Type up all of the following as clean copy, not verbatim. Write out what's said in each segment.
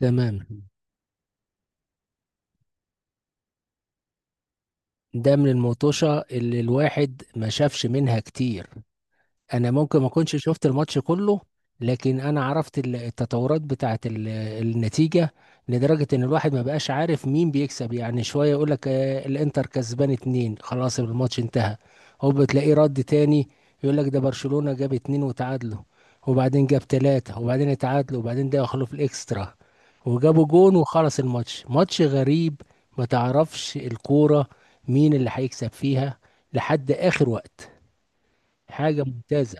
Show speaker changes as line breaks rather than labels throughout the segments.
تمام. ده من المطوشة اللي الواحد ما شافش منها كتير. انا ممكن ما اكونش شفت الماتش كله، لكن انا عرفت التطورات بتاعه النتيجه، لدرجه ان الواحد ما بقاش عارف مين بيكسب. يعني شويه يقول لك الانتر كسبان اتنين، خلاص الماتش انتهى. هو بتلاقيه رد تاني يقول لك ده برشلونه جاب اتنين وتعادلوا، وبعدين جاب تلاته وبعدين اتعادلوا، وبعدين ده دخلوا في الاكسترا وجابوا جون وخلص الماتش. ماتش غريب، ما تعرفش الكوره مين اللي هيكسب فيها لحد اخر وقت. حاجه ممتازه.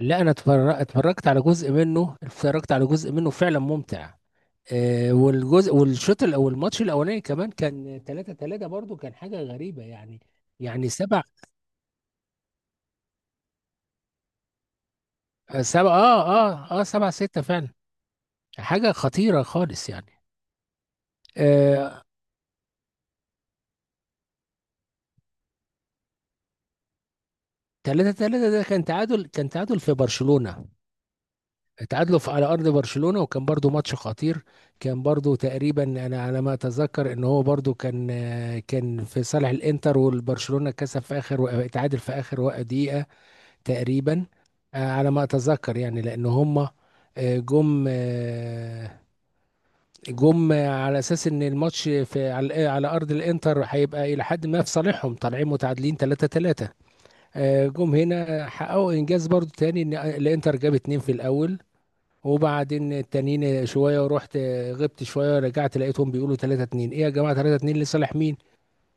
لا، انا اتفرجت على جزء منه، فعلا ممتع. والماتش الاولاني كمان كان 3-3 برضو، كان حاجه غريبه يعني. يعني سبع سبع اه اه اه 7-6 فعلا. حاجه خطيره خالص يعني. آه 3-3 ده كان تعادل في برشلونه. اتعادلوا على ارض برشلونة، وكان برضو ماتش خطير. كان برضو تقريبا، انا على ما اتذكر ان هو برضو كان في صالح الانتر، والبرشلونة كسب في اخر اتعادل في دقيقة تقريبا. على ما اتذكر يعني لان هما آه، جم آه، جم على اساس ان الماتش في على ارض الانتر هيبقى الى حد ما في صالحهم، طالعين متعادلين 3-3. جم هنا حققوا انجاز برضو تاني، ان الانتر جاب اتنين في الاول، وبعدين التانيين شويه، ورحت غبت شويه، رجعت لقيتهم بيقولوا 3-2. ايه يا جماعه، 3-2 لصالح مين؟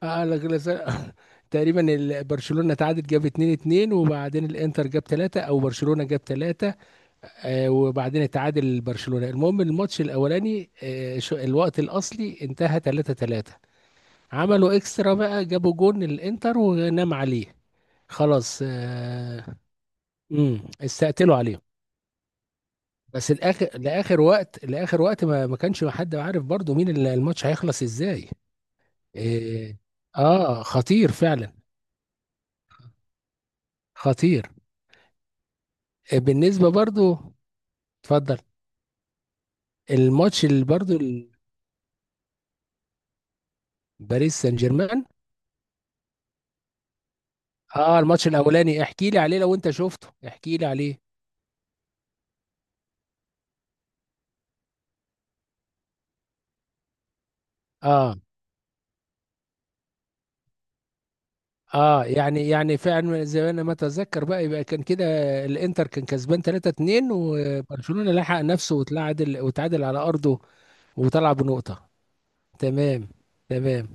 اه، تقريبا برشلونه تعادل جاب 2-2، وبعدين الانتر جاب 3 او برشلونه جاب 3. وبعدين اتعادل برشلونه. المهم الماتش الاولاني، الوقت الاصلي انتهى 3-3. عملوا اكسترا بقى، جابوا جون الانتر ونام عليه. خلاص. آه. استقتلوا عليه. بس الاخر لاخر وقت لاخر وقت، ما كانش حد عارف برضو مين الماتش هيخلص ازاي. إيه. اه، خطير فعلا. خطير. بالنسبه برضو، اتفضل. الماتش اللي برضو. باريس سان جيرمان. اه، الماتش الاولاني احكي لي عليه لو انت شفته، احكي لي عليه. اه اه يعني فعلا زي ما انا ما اتذكر بقى، يبقى كان كده. الانتر كان كسبان 3-2، وبرشلونة لحق نفسه، وتعادل على ارضه وطلع بنقطة. تمام. تمام.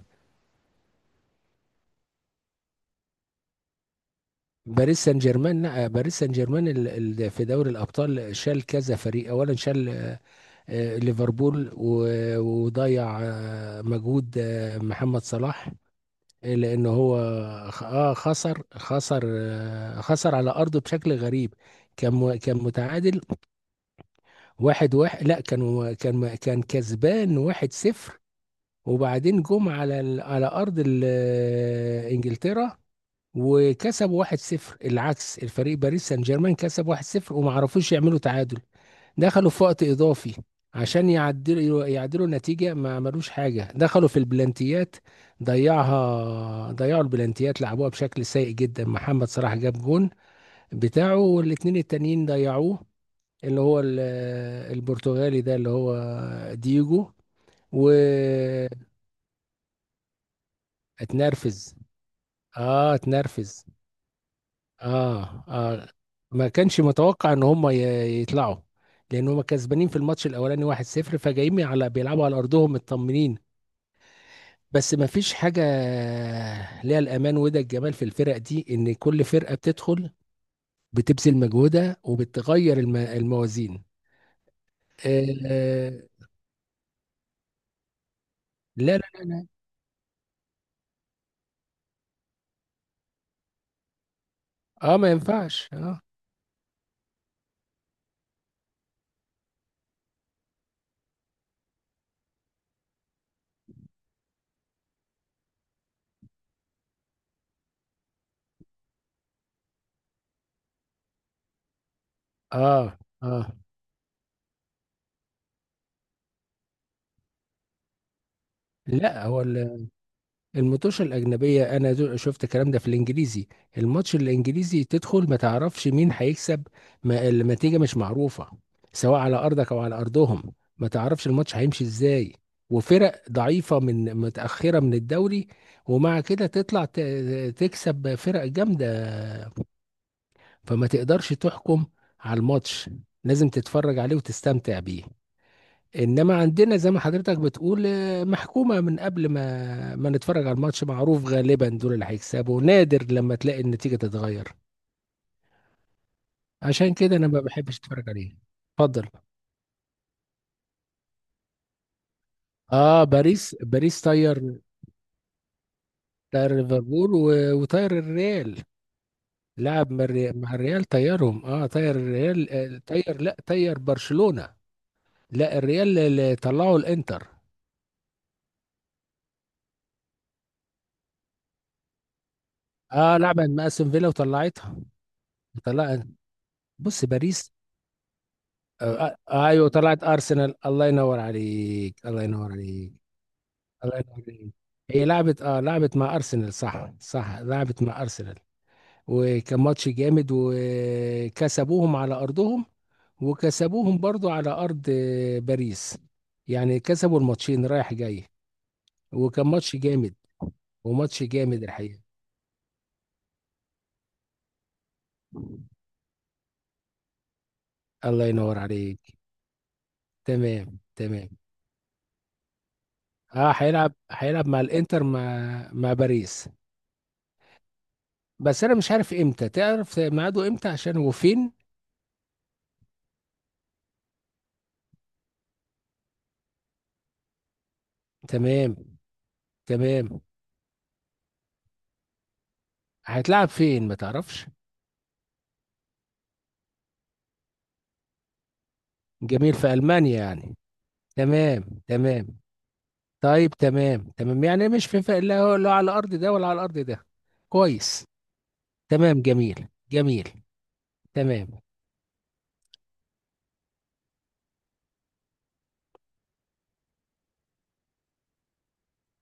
باريس سان جيرمان، لا، باريس سان جيرمان في دوري الابطال شال كذا فريق. اولا شال، ليفربول، وضيع مجهود محمد صلاح. لان هو خسر على ارضه بشكل غريب. كان متعادل 1-1. لا، كان كسبان 1-0. وبعدين جم على على ارض انجلترا وكسبوا 1-0. العكس، الفريق باريس سان جيرمان كسب 1-0 وما عرفوش يعملوا تعادل. دخلوا في وقت اضافي عشان يعدلوا النتيجة، ما عملوش حاجة. دخلوا في البلانتيات، ضيعوا البلانتيات، لعبوها بشكل سيء جدا. محمد صلاح جاب جون بتاعه، والاتنين التانيين ضيعوه، اللي هو البرتغالي ده، اللي هو ديجو. واتنرفز. اه، اتنرفز. آه. اه. ما كانش متوقع ان هم يطلعوا، لان هم كسبانين في الماتش الاولاني 1-0، فجايين على بيلعبوا على ارضهم مطمنين. بس ما فيش حاجه ليها الامان، وده الجمال في الفرق دي، ان كل فرقه بتدخل بتبذل مجهودها وبتغير الموازين. آه. آه، لا لا لا لا. اه، ما ينفعش. اه. اه، اه. لا، هو الماتش الأجنبية، أنا شفت الكلام ده في الإنجليزي. الماتش الإنجليزي تدخل ما تعرفش مين هيكسب. ما النتيجة مش معروفة، سواء على أرضك أو على أرضهم. ما تعرفش الماتش هيمشي إزاي. وفرق ضعيفة، متأخرة من الدوري، ومع كده تطلع تكسب فرق جامدة، فما تقدرش تحكم على الماتش، لازم تتفرج عليه وتستمتع بيه. انما عندنا زي ما حضرتك بتقول محكومه من قبل ما نتفرج على الماتش. معروف غالبا دول اللي هيكسبوا، نادر لما تلاقي النتيجه تتغير. عشان كده انا ما بحبش اتفرج عليه. اتفضل. اه، باريس طير. طير ليفربول، وطير الريال. لعب مع مع الريال طيرهم. اه، طير الريال. طير برشلونه. لا، الريال اللي طلعوا الانتر. اه، لعبت مع استون فيلا وطلعتها. طلع. بص، باريس. ايوه، طلعت ارسنال. الله ينور عليك. الله ينور عليك. الله ينور عليك. هي لعبت، لعبت مع ارسنال. صح، صح، لعبت مع ارسنال، وكان ماتش جامد وكسبوهم على ارضهم، وكسبوهم برضو على ارض باريس. يعني كسبوا الماتشين رايح جاي، وكان ماتش جامد. وماتش جامد الحقيقة. الله ينور عليك. تمام، تمام. اه، هيلعب مع الانتر، مع باريس. بس انا مش عارف امتى، تعرف ميعاده امتى عشان هو فين؟ تمام، تمام. هيتلعب فين ما تعرفش. جميل، في المانيا يعني. تمام، تمام. طيب، تمام تمام، يعني مش في فرق، لا لا على الارض ده ولا على الارض ده. كويس. تمام، جميل، جميل. تمام.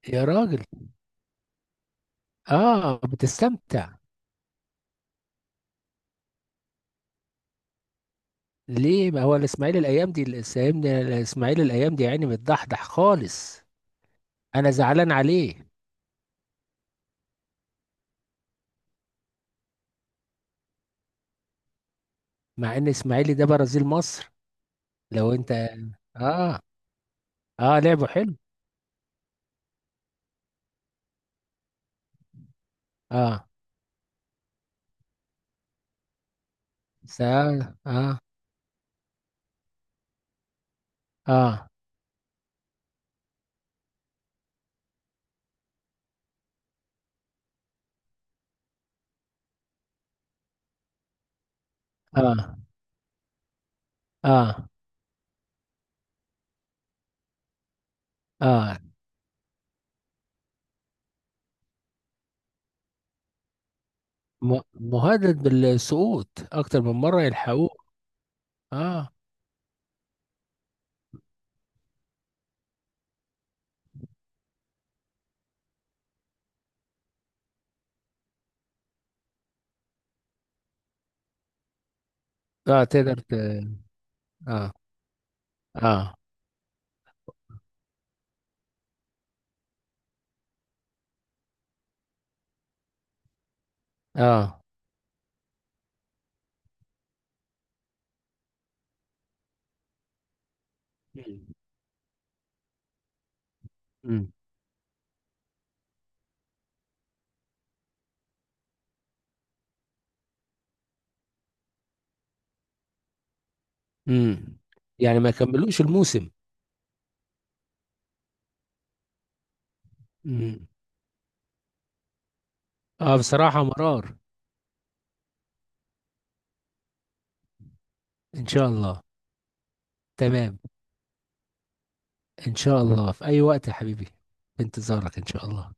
يا راجل. اه، بتستمتع. ليه، ما هو الاسماعيلي الايام دي، الإسماعيلي الايام دي يعني متضحضح خالص. انا زعلان عليه. مع ان اسماعيلي ده برازيل مصر. لو انت. اه، اه، لعبه حلو. اه، سأل، اه. اه، اه، اه، اه. مهدد بالسقوط اكتر من مره، يلحقوه. اه، اه، تقدر. اه، اه، اه. مم. مم. مم. يعني ما كملوش الموسم. مم. اه، بصراحه مرار. ان شاء الله. تمام، ان شاء الله، في اي وقت يا حبيبي. في انتظارك ان شاء الله.